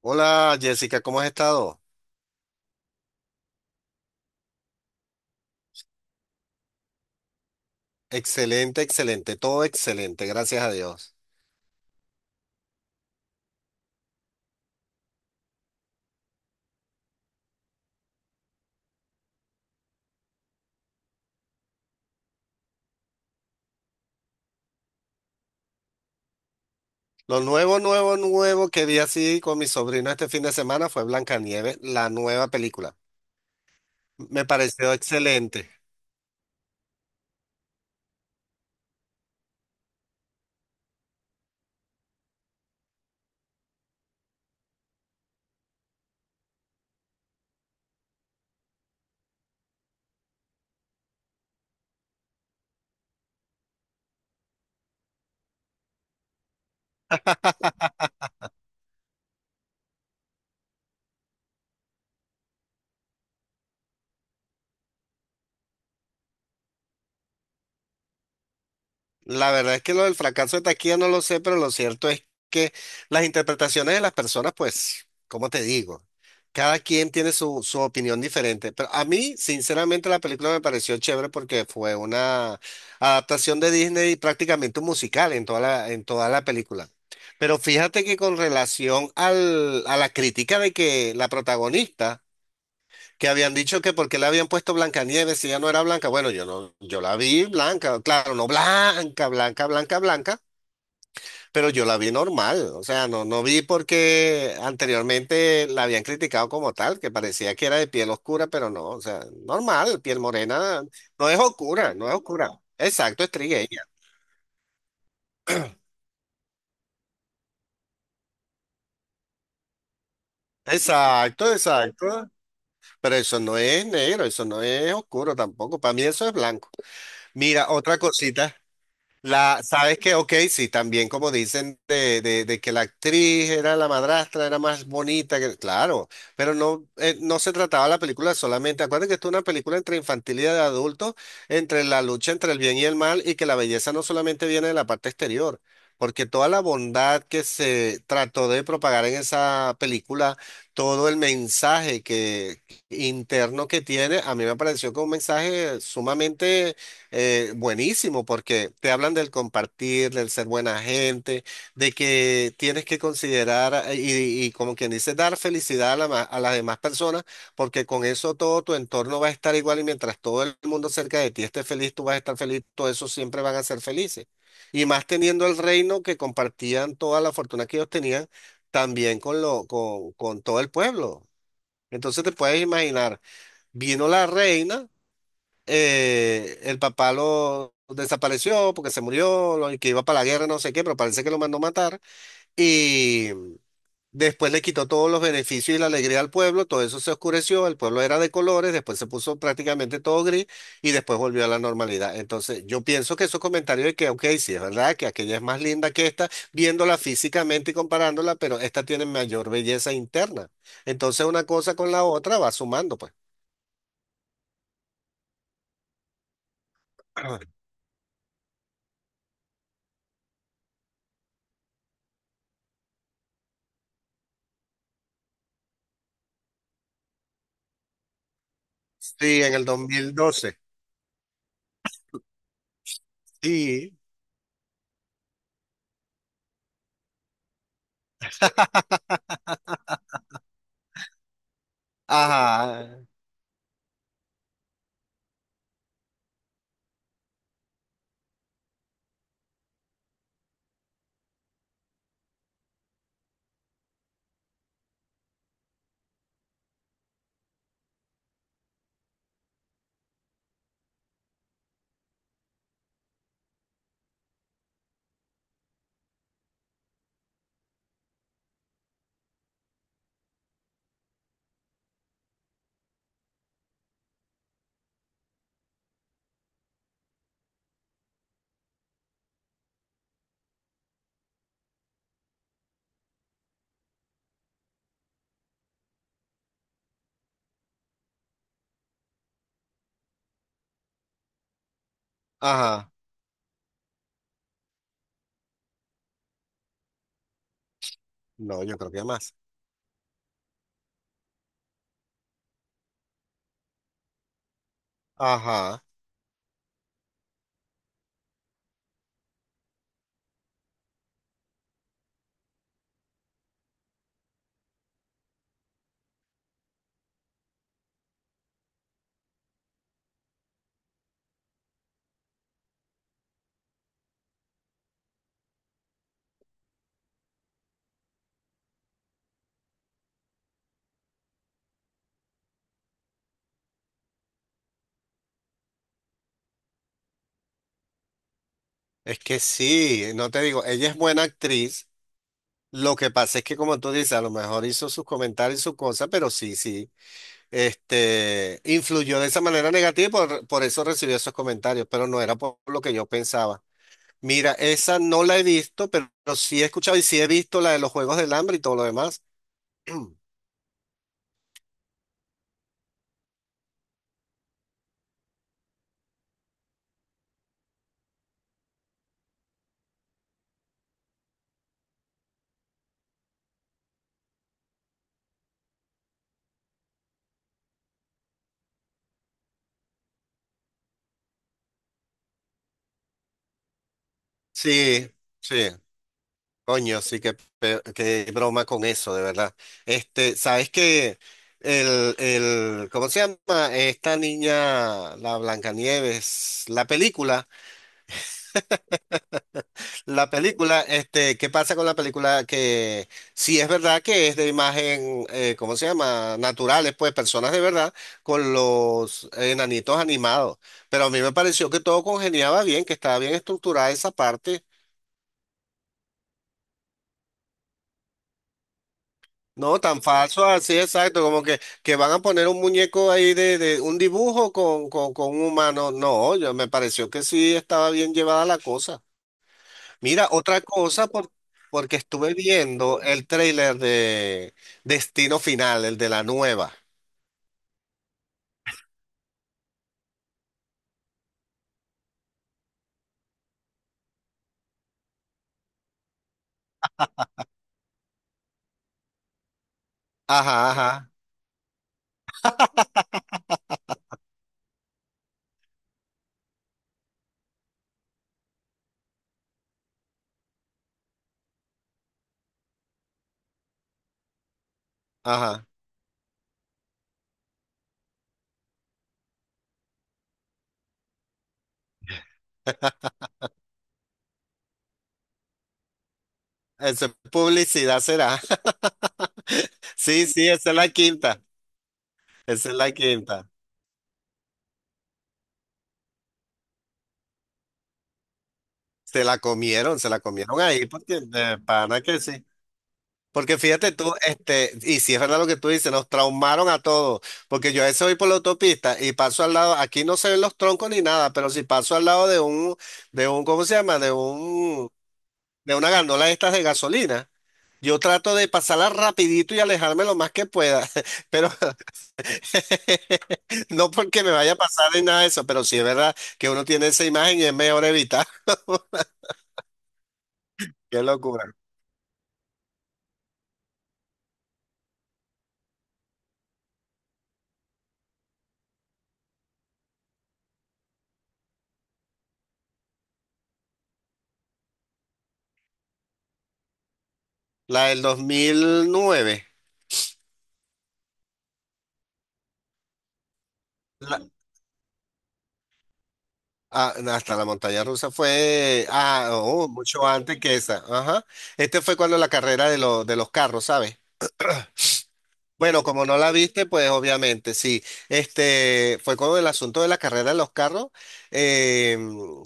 Hola Jessica, ¿cómo has estado? Excelente, excelente, todo excelente, gracias a Dios. Lo nuevo, nuevo, nuevo que vi así con mi sobrino este fin de semana fue Blancanieves, la nueva película. Me pareció excelente. La verdad es que lo del fracaso de taquilla no lo sé, pero lo cierto es que las interpretaciones de las personas, pues, ¿cómo te digo? Cada quien tiene su opinión diferente. Pero a mí, sinceramente, la película me pareció chévere porque fue una adaptación de Disney y prácticamente un musical en en toda la película. Pero fíjate que con relación a la crítica de que la protagonista que habían dicho que porque le habían puesto Blancanieves si ya no era blanca. Bueno, yo no, yo la vi blanca, claro, no blanca, blanca, blanca, blanca, pero yo la vi normal. O sea, no, no vi porque anteriormente la habían criticado como tal, que parecía que era de piel oscura, pero no, o sea, normal, piel morena, no es oscura, no es oscura. Exacto, es trigueña. Exacto, exacto. Pero eso no es negro, eso no es oscuro tampoco. Para mí eso es blanco. Mira, otra cosita. La, sabes que, ok, sí, también como dicen de que la actriz era la madrastra, era más bonita, que, claro, pero no, no se trataba la película solamente, acuérdate que esto es una película entre infantil y de adultos, entre la lucha entre el bien y el mal, y que la belleza no solamente viene de la parte exterior, porque toda la bondad que se trató de propagar en esa película, todo el mensaje que interno que tiene, a mí me pareció que un mensaje sumamente buenísimo, porque te hablan del compartir, del ser buena gente, de que tienes que considerar y como quien dice, dar felicidad a, la ma- a las demás personas, porque con eso todo tu entorno va a estar igual y mientras todo el mundo cerca de ti esté feliz, tú vas a estar feliz, todos esos siempre van a ser felices. Y más teniendo el reino que compartían toda la fortuna que ellos tenían, también con todo el pueblo. Entonces te puedes imaginar, vino la reina el papá lo desapareció porque se murió, lo, y que iba para la guerra, no sé qué, pero parece que lo mandó matar. Y después le quitó todos los beneficios y la alegría al pueblo, todo eso se oscureció, el pueblo era de colores, después se puso prácticamente todo gris y después volvió a la normalidad. Entonces, yo pienso que esos comentarios de que, ok, sí, es verdad que aquella es más linda que esta, viéndola físicamente y comparándola, pero esta tiene mayor belleza interna. Entonces, una cosa con la otra va sumando, pues. Sí, en el 2012. Sí, ajá, ajá. No, yo creo que más. Ajá. Es que sí, no te digo, ella es buena actriz. Lo que pasa es que, como tú dices, a lo mejor hizo sus comentarios y su cosa, pero sí, sí. Este, influyó de esa manera negativa y por eso recibió esos comentarios, pero no era por lo que yo pensaba. Mira, esa no la he visto, pero sí he escuchado y sí he visto la de los Juegos del Hambre y todo lo demás. Sí, sí. Coño, sí, qué, pe- qué broma con eso, de verdad. Este, ¿sabes que ¿cómo se llama? Esta niña, la Blancanieves, la película, este, ¿qué pasa con la película? Que sí es verdad que es de imagen, ¿cómo se llama? Naturales, pues, personas de verdad, con los enanitos animados. Pero a mí me pareció que todo congeniaba bien, que estaba bien estructurada esa parte. No, tan falso, así exacto, como que van a poner un muñeco ahí de un dibujo con un humano. No, yo me pareció que sí estaba bien llevada la cosa. Mira, otra cosa, por- porque estuve viendo el tráiler de Destino Final, el de la nueva. Ajá, ajá, ajá. Esa publicidad será. Sí, sí, esa es la quinta. Esa es la quinta. Se la comieron ahí, porque de pana que sí. Porque fíjate tú, este, y si es verdad lo que tú dices, nos traumaron a todos, porque yo a veces voy por la autopista y paso al lado, aquí no se ven los troncos ni nada, pero si paso al lado ¿cómo se llama? De un, de una gandola de estas de gasolina, yo trato de pasarla rapidito y alejarme lo más que pueda, pero no porque me vaya a pasar ni nada de eso, pero sí es verdad que uno tiene esa imagen y es mejor evitar. Qué locura. La del 2009. Ah, hasta la montaña rusa fue, ah, oh, mucho antes que esa. Ajá. Este fue cuando la carrera de, lo- de los carros, ¿sabes? Bueno, como no la viste, pues obviamente, sí. Este fue con el asunto de la carrera de los carros, eh,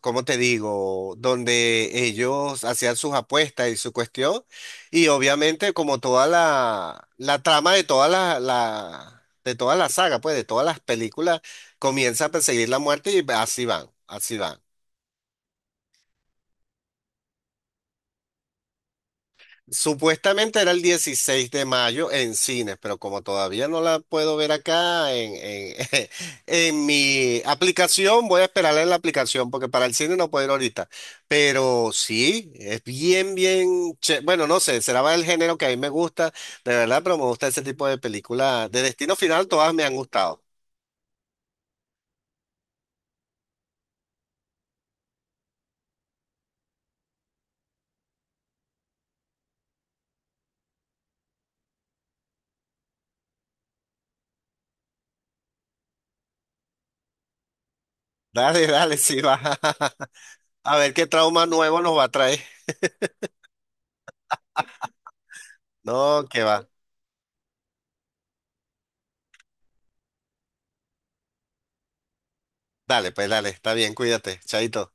¿cómo te digo? Donde ellos hacían sus apuestas y su cuestión. Y obviamente, como toda la trama de toda de toda la saga, pues, de todas las películas, comienza a perseguir la muerte y así van, así van. Supuestamente era el 16 de mayo en cines, pero como todavía no la puedo ver acá en mi aplicación, voy a esperarla en la aplicación porque para el cine no puedo ir ahorita. Pero sí, es bien, bien, che- bueno, no sé, será el género que a mí me gusta, de verdad, pero me gusta ese tipo de películas. De Destino Final todas me han gustado. Dale, dale, sí, va. A ver qué trauma nuevo nos va a traer. No, que va. Dale, pues dale, está bien, cuídate, chaito.